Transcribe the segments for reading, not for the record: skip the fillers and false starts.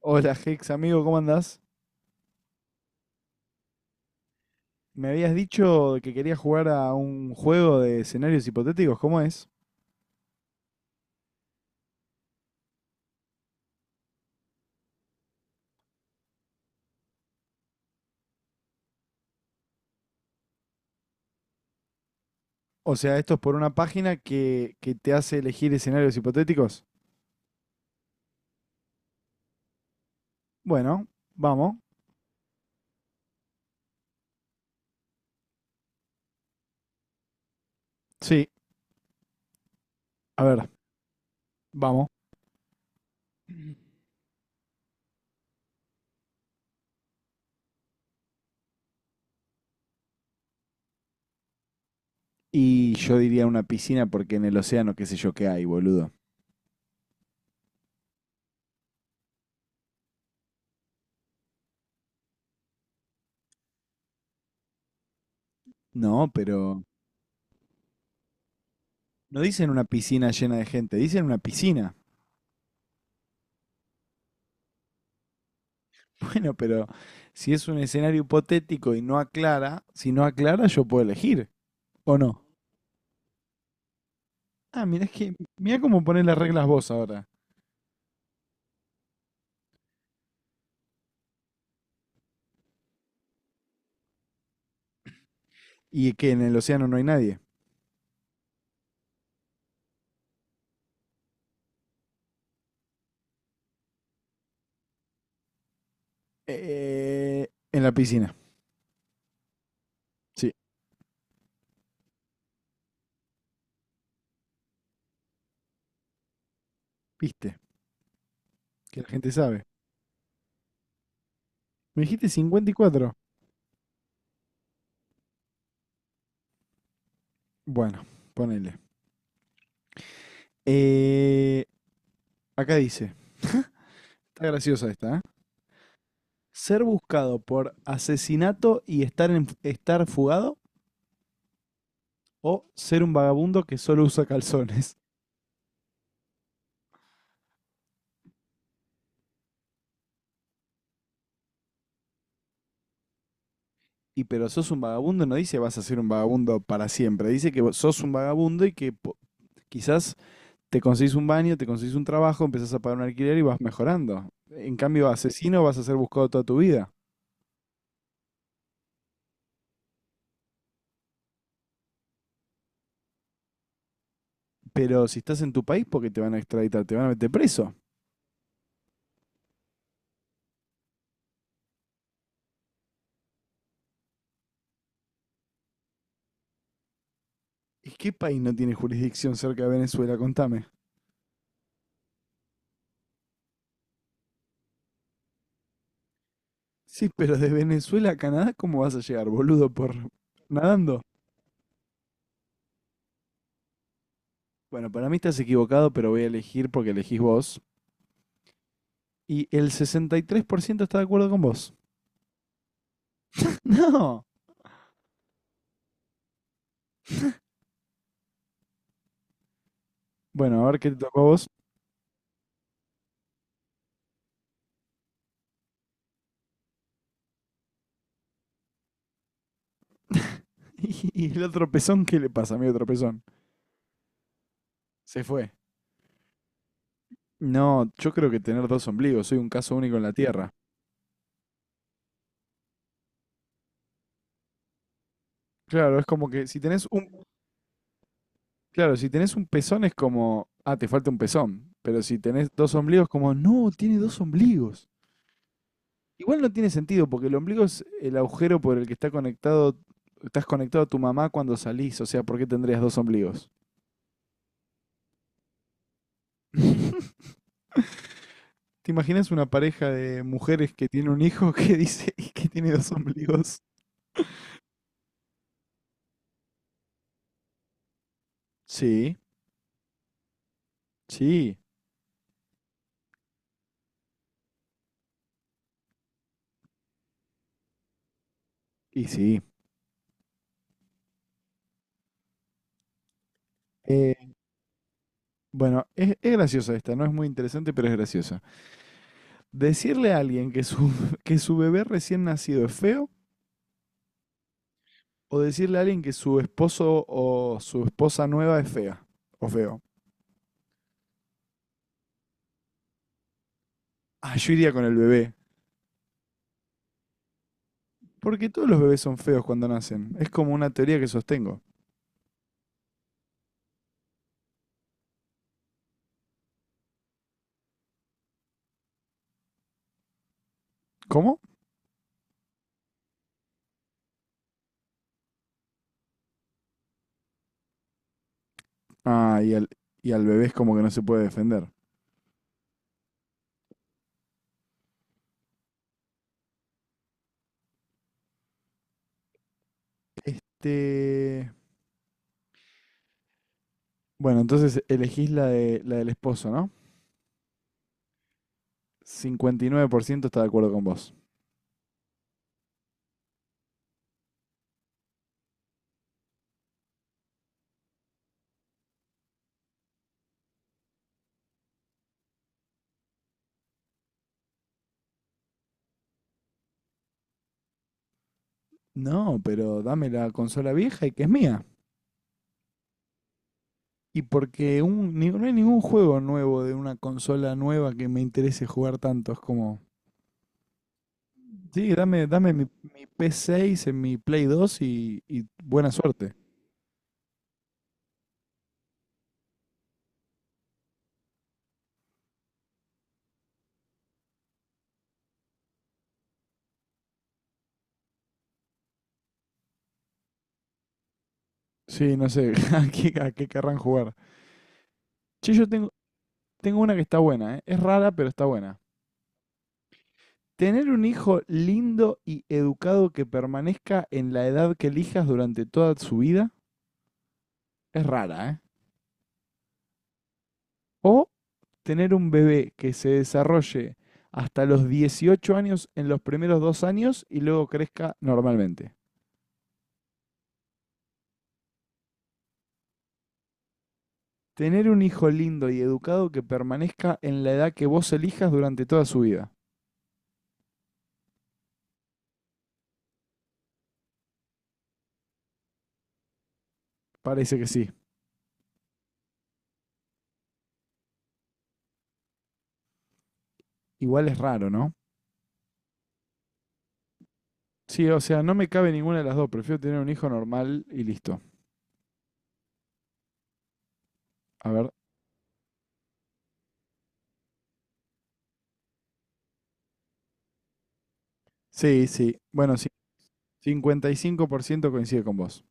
Hola Hex, amigo, ¿cómo andás? Me habías dicho que querías jugar a un juego de escenarios hipotéticos, ¿cómo es? O sea, esto es por una página que te hace elegir escenarios hipotéticos. Bueno, vamos. Sí, a ver, vamos. Y yo diría una piscina porque en el océano qué sé yo qué hay, boludo. No, pero no dicen una piscina llena de gente, dicen una piscina. Bueno, pero si es un escenario hipotético y no aclara, si no aclara yo puedo elegir, ¿o no? Ah, mirá cómo pones las reglas vos ahora. Y que en el océano no hay nadie. Eh, en la piscina. Sí, viste, que la gente sabe. Me dijiste cincuenta y cuatro. Bueno, ponele. Eh, acá dice, está graciosa esta, ¿eh? Ser buscado por asesinato y estar fugado o ser un vagabundo que solo usa calzones. Y pero sos un vagabundo, no dice vas a ser un vagabundo para siempre, dice que vos sos un vagabundo y que quizás te conseguís un baño, te conseguís un trabajo, empezás a pagar un alquiler y vas mejorando. En cambio, asesino vas a ser buscado toda tu vida. Pero si estás en tu país, porque te van a extraditar, te van a meter preso. ¿Y qué país no tiene jurisdicción cerca de Venezuela? Contame. Sí, pero de Venezuela a Canadá, ¿cómo vas a llegar, boludo? ¿Por nadando? Bueno, para mí estás equivocado, pero voy a elegir porque elegís vos. Y el 63% está de acuerdo con vos. No. Bueno, a ver qué te tocó a vos. ¿Y el otro pezón, qué le pasa a mi otro pezón? Se fue. No, yo creo que tener dos ombligos, soy un caso único en la Tierra. Claro, es como que si tenés un, claro, si tenés un pezón es como, ah, te falta un pezón, pero si tenés dos ombligos como, no, tiene dos ombligos. Igual no tiene sentido porque el ombligo es el agujero por el que estás conectado a tu mamá cuando salís, o sea, ¿por qué tendrías dos ombligos? ¿Te imaginas una pareja de mujeres que tiene un hijo que dice que tiene dos ombligos? Sí, sí, y sí. Eh, bueno, es graciosa esta, no es muy interesante, pero es graciosa. Decirle a alguien que su bebé recién nacido es feo o decirle a alguien que su esposo o su esposa nueva es fea o feo. Ah, yo iría con el bebé. Porque todos los bebés son feos cuando nacen. Es como una teoría que sostengo. ¿Cómo? Ah, y al, y al bebé es como que no se puede defender. Este... Bueno, entonces elegís la del esposo, ¿no? 59% está de acuerdo con vos. No, pero dame la consola vieja y que es mía. Y porque no hay ningún juego nuevo de una consola nueva que me interese jugar tanto. Es como, sí, dame mi P6 en mi Play 2 y buena suerte. Sí, no sé, a qué querrán jugar. Che, yo tengo, tengo una que está buena, ¿eh? Es rara, pero está buena. Tener un hijo lindo y educado que permanezca en la edad que elijas durante toda su vida es rara, ¿eh? O tener un bebé que se desarrolle hasta los 18 años en los primeros dos años y luego crezca normalmente. Tener un hijo lindo y educado que permanezca en la edad que vos elijas durante toda su vida. Parece que sí. Igual es raro, ¿no? Sí, o sea, no me cabe ninguna de las dos. Prefiero tener un hijo normal y listo. A ver. Sí, sí. Bueno, sí. 55% coincide con vos.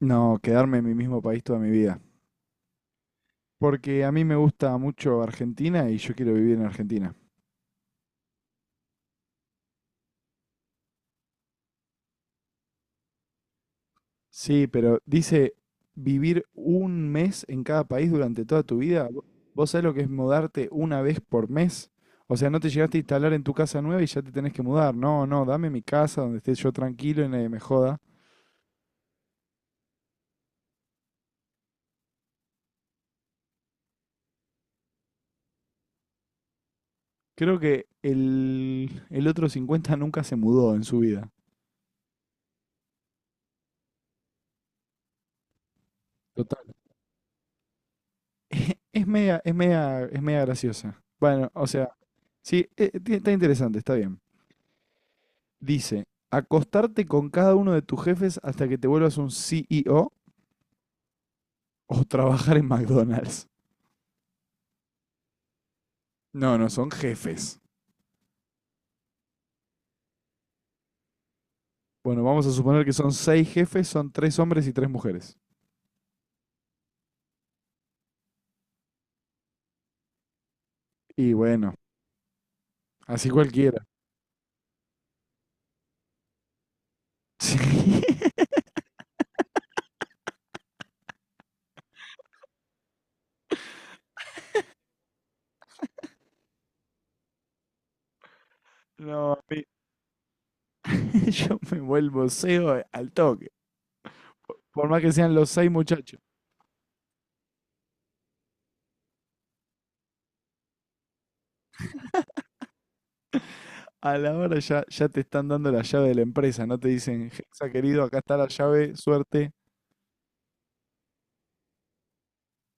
No, quedarme en mi mismo país toda mi vida. Porque a mí me gusta mucho Argentina y yo quiero vivir en Argentina. Sí, pero dice vivir un mes en cada país durante toda tu vida. ¿Vos sabés lo que es mudarte una vez por mes? O sea, no te llegaste a instalar en tu casa nueva y ya te tenés que mudar. No, no, dame mi casa donde esté yo tranquilo y nadie me joda. Creo que el otro 50 nunca se mudó en su vida. Total. Es media graciosa. Bueno, o sea, sí, está interesante, está bien. Dice, acostarte con cada uno de tus jefes hasta que te vuelvas un CEO o trabajar en McDonald's. No, no, son jefes. Bueno, vamos a suponer que son seis jefes, son tres hombres y tres mujeres. Y bueno, así cualquiera. Sí. No, a mí- yo me vuelvo CEO al toque. Por más que sean los seis muchachos. A la hora ya, ya te están dando la llave de la empresa, no te dicen, Hexa querido, acá está la llave, suerte.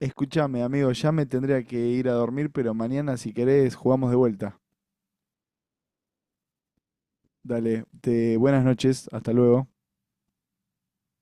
Escúchame, amigo, ya me tendría que ir a dormir, pero mañana si querés jugamos de vuelta. Dale, te, buenas noches, hasta luego.